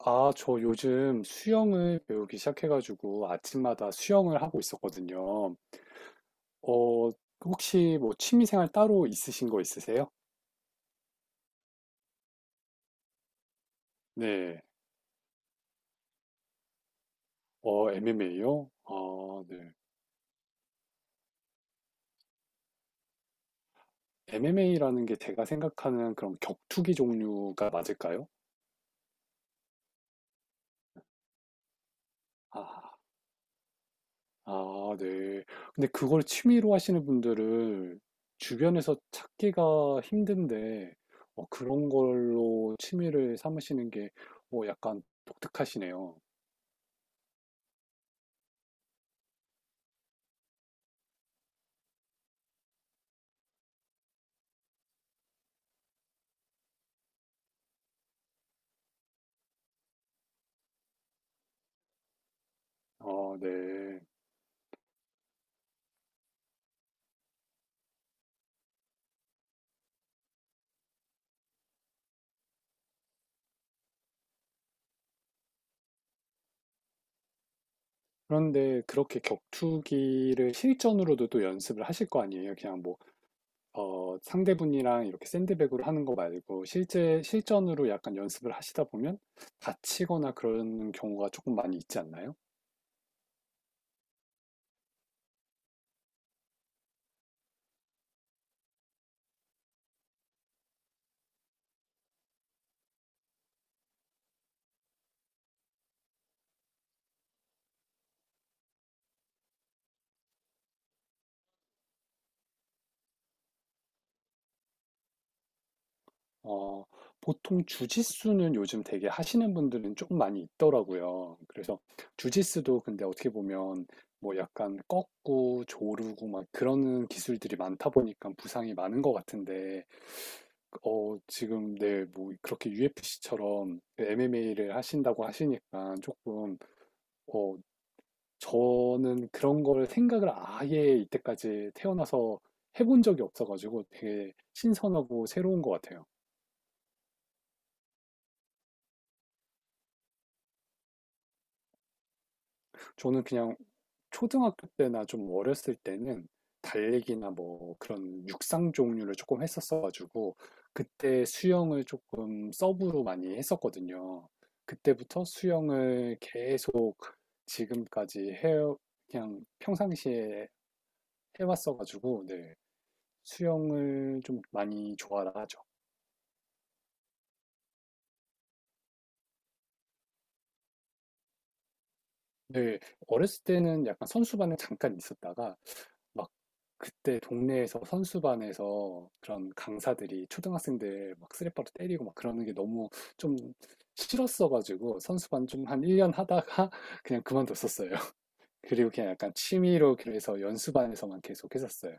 아, 저 요즘 수영을 배우기 시작해가지고 아침마다 수영을 하고 있었거든요. 어, 혹시 뭐 취미생활 따로 있으신 거 있으세요? 네. MMA요? 아, 네. MMA라는 게 제가 생각하는 그런 격투기 종류가 맞을까요? 아, 아, 네. 근데 그걸 취미로 하시는 분들을 주변에서 찾기가 힘든데, 그런 걸로 취미를 삼으시는 게 약간 독특하시네요. 네. 그런데 그렇게 격투기를 실전으로도 또 연습을 하실 거 아니에요? 그냥 뭐, 상대분이랑 이렇게 샌드백으로 하는 거 말고 실제 실전으로 약간 연습을 하시다 보면 다치거나 그런 경우가 조금 많이 있지 않나요? 어, 보통 주짓수는 요즘 되게 하시는 분들은 좀 많이 있더라고요. 그래서 주짓수도 근데 어떻게 보면 뭐 약간 꺾고 조르고 막 그러는 기술들이 많다 보니까 부상이 많은 것 같은데, 지금 네, 뭐 그렇게 UFC처럼 MMA를 하신다고 하시니까 조금, 어, 저는 그런 걸 생각을 아예 이때까지 태어나서 해본 적이 없어가지고 되게 신선하고 새로운 것 같아요. 저는 그냥 초등학교 때나 좀 어렸을 때는 달리기나 뭐 그런 육상 종류를 조금 했었어가지고 그때 수영을 조금 서브로 많이 했었거든요. 그때부터 수영을 계속 지금까지 해 그냥 평상시에 해왔어가지고 네 수영을 좀 많이 좋아라 하죠. 네. 어렸을 때는 약간 선수반에 잠깐 있었다가 막 그때 동네에서 선수반에서 그런 강사들이 초등학생들 막 쓰레빠로 때리고 막 그러는 게 너무 좀 싫었어 가지고 선수반 좀 한 1년 하다가 그냥 그만뒀었어요. 그리고 그냥 약간 취미로 그래서 연수반에서만 계속 했었어요.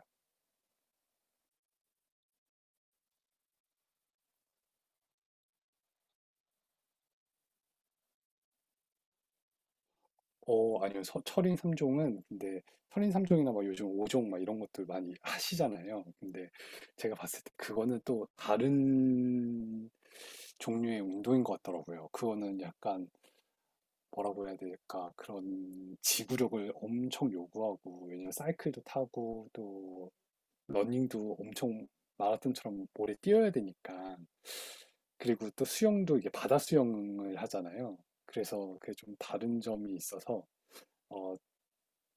아니요. 철인 3종은 근데 철인 3종이나 막 요즘 5종 막 이런 것도 많이 하시잖아요. 근데 제가 봤을 때 그거는 또 다른 종류의 운동인 것 같더라고요. 그거는 약간 뭐라고 해야 될까? 그런 지구력을 엄청 요구하고 왜냐면 사이클도 타고 또 러닝도 엄청 마라톤처럼 오래 뛰어야 되니까 그리고 또 수영도 이게 바다 수영을 하잖아요. 그래서 그게 좀 다른 점이 있어서 어,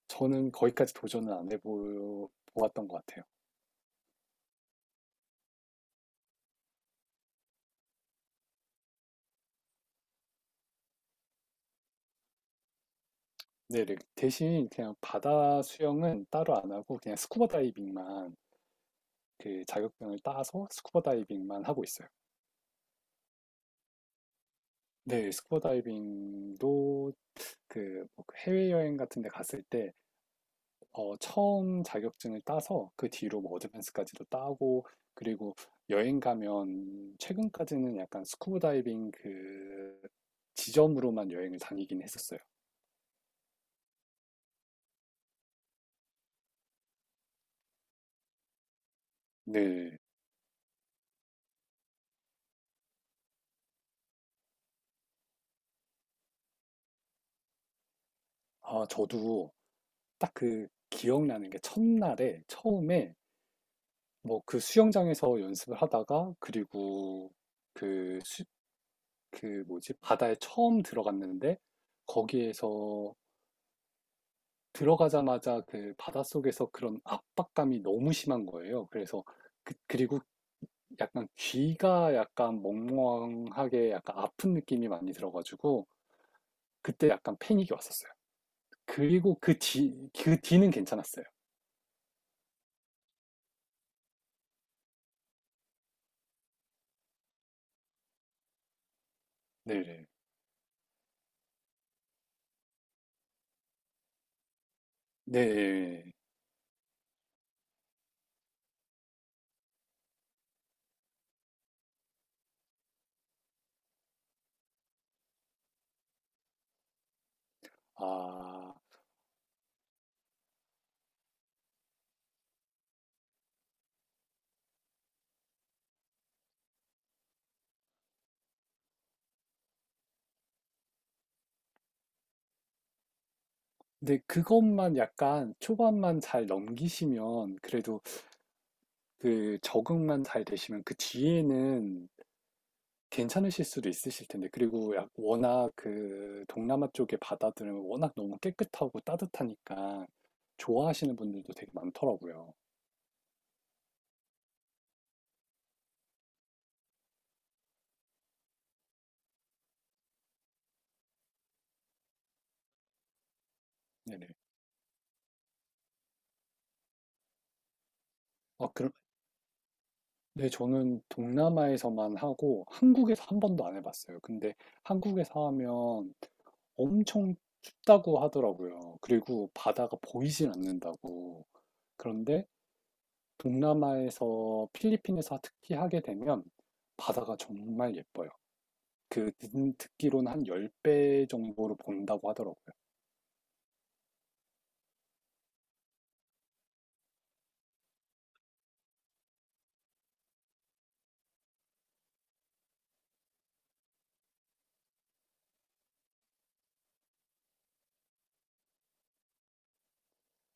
저는 거기까지 도전은 안 해보았던 것 같아요. 네, 네. 대신 그냥 바다 수영은 따로 안 하고 그냥 스쿠버 다이빙만 그 자격증을 따서 스쿠버 다이빙만 하고 있어요. 네, 스쿠버 다이빙도 그뭐 해외여행 같은 데 갔을 때 처음 자격증을 따서 그 뒤로 뭐 어드밴스까지도 따고 그리고 여행 가면 최근까지는 약간 스쿠버 다이빙 그 지점으로만 여행을 다니긴 했었어요. 네. 아, 저도 딱 그 기억나는 게 첫날에 처음에 뭐 그 수영장에서 연습을 하다가 그리고 그, 수, 그 뭐지? 바다에 처음 들어갔는데 거기에서 들어가자마자 그 바닷속에서 그런 압박감이 너무 심한 거예요. 그래서 그리고 약간 귀가 약간 멍멍하게 약간 아픈 느낌이 많이 들어가지고 그때 약간 패닉이 왔었어요. 그리고 그 뒤는 괜찮았어요. 네네. 네. 아, 근데 그것만 약간 초반만 잘 넘기시면 그래도 그 적응만 잘 되시면 그 뒤에는 괜찮으실 수도 있으실 텐데 그리고 워낙 그 동남아 쪽의 바다들은 워낙 너무 깨끗하고 따뜻하니까 좋아하시는 분들도 되게 많더라고요. 네네. 아, 네, 저는 동남아에서만 하고 한국에서 한 번도 안 해봤어요. 근데 한국에서 하면 엄청 춥다고 하더라고요. 그리고 바다가 보이질 않는다고. 그런데 동남아에서 필리핀에서 특히 하게 되면 바다가 정말 예뻐요. 그 듣기로는 한 10배 정도로 본다고 하더라고요.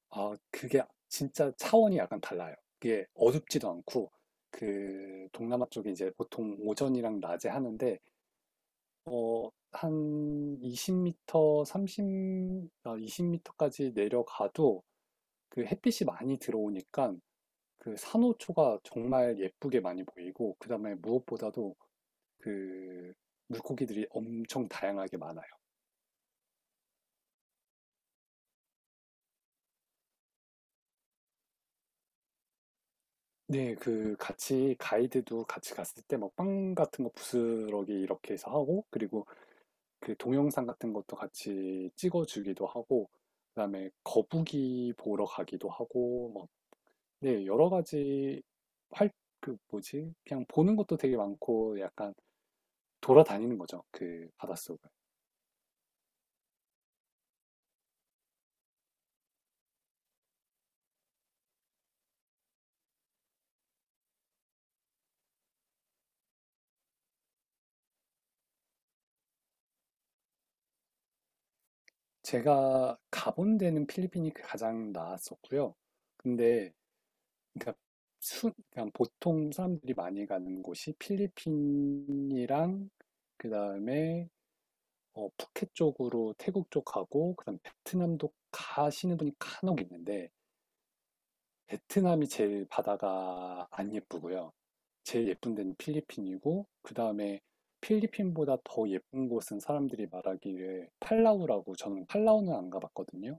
아, 그게 진짜 차원이 약간 달라요. 그게 어둡지도 않고 그 동남아 쪽에 이제 보통 오전이랑 낮에 하는데 한 20m, 30, 아, 20m까지 내려가도 그 햇빛이 많이 들어오니까 그 산호초가 정말 예쁘게 많이 보이고, 그 다음에 무엇보다도 그 물고기들이 엄청 다양하게 많아요. 네, 그 같이 가이드도 같이 갔을 때 막 빵 같은 거 부스러기 이렇게 해서 하고, 그리고 그 동영상 같은 것도 같이 찍어주기도 하고, 그다음에 거북이 보러 가기도 하고, 뭐 네, 여러 가지 활, 그 뭐지? 그냥 보는 것도 되게 많고 약간 돌아다니는 거죠. 그 바닷속을. 제가 가본 데는 필리핀이 그 가장 나았었고요. 근데 그러니까 그냥 보통 사람들이 많이 가는 곳이 필리핀이랑 그다음에 푸켓 쪽으로 태국 쪽 가고 그다음 베트남도 가시는 분이 간혹 있는데 베트남이 제일 바다가 안 예쁘고요. 제일 예쁜 데는 필리핀이고 그 다음에 필리핀보다 더 예쁜 곳은 사람들이 말하기에 팔라우라고 저는 팔라우는 안 가봤거든요.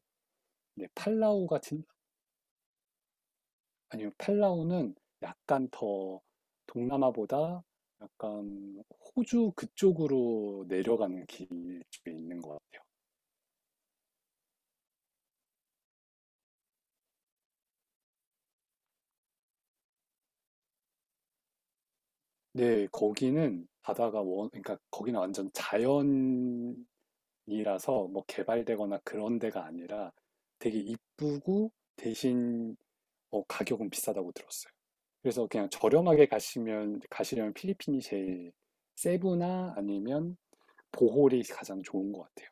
근데 팔라우가 진 아니면 팔라우는 약간 더 동남아보다 약간 호주 그쪽으로 내려가는 길 쪽에 있는 것 같아요. 네, 거기는 바다가 그러니까 거기는 완전 자연이라서 뭐 개발되거나 그런 데가 아니라 되게 이쁘고 대신 가격은 비싸다고 들었어요. 그래서 그냥 저렴하게 가시려면 필리핀이 제일 세부나 아니면 보홀이 가장 좋은 것 같아요.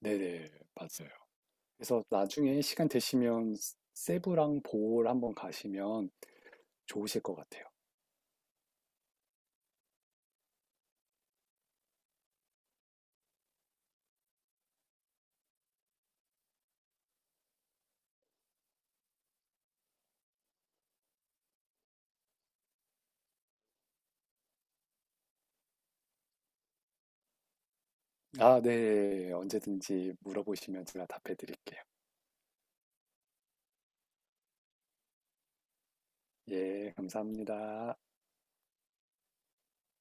네네, 맞아요. 그래서 나중에 시간 되시면 세부랑 보홀 한번 가시면 좋으실 것 같아요. 아, 네. 언제든지 물어보시면 제가 답해 드릴게요. 예, 감사합니다.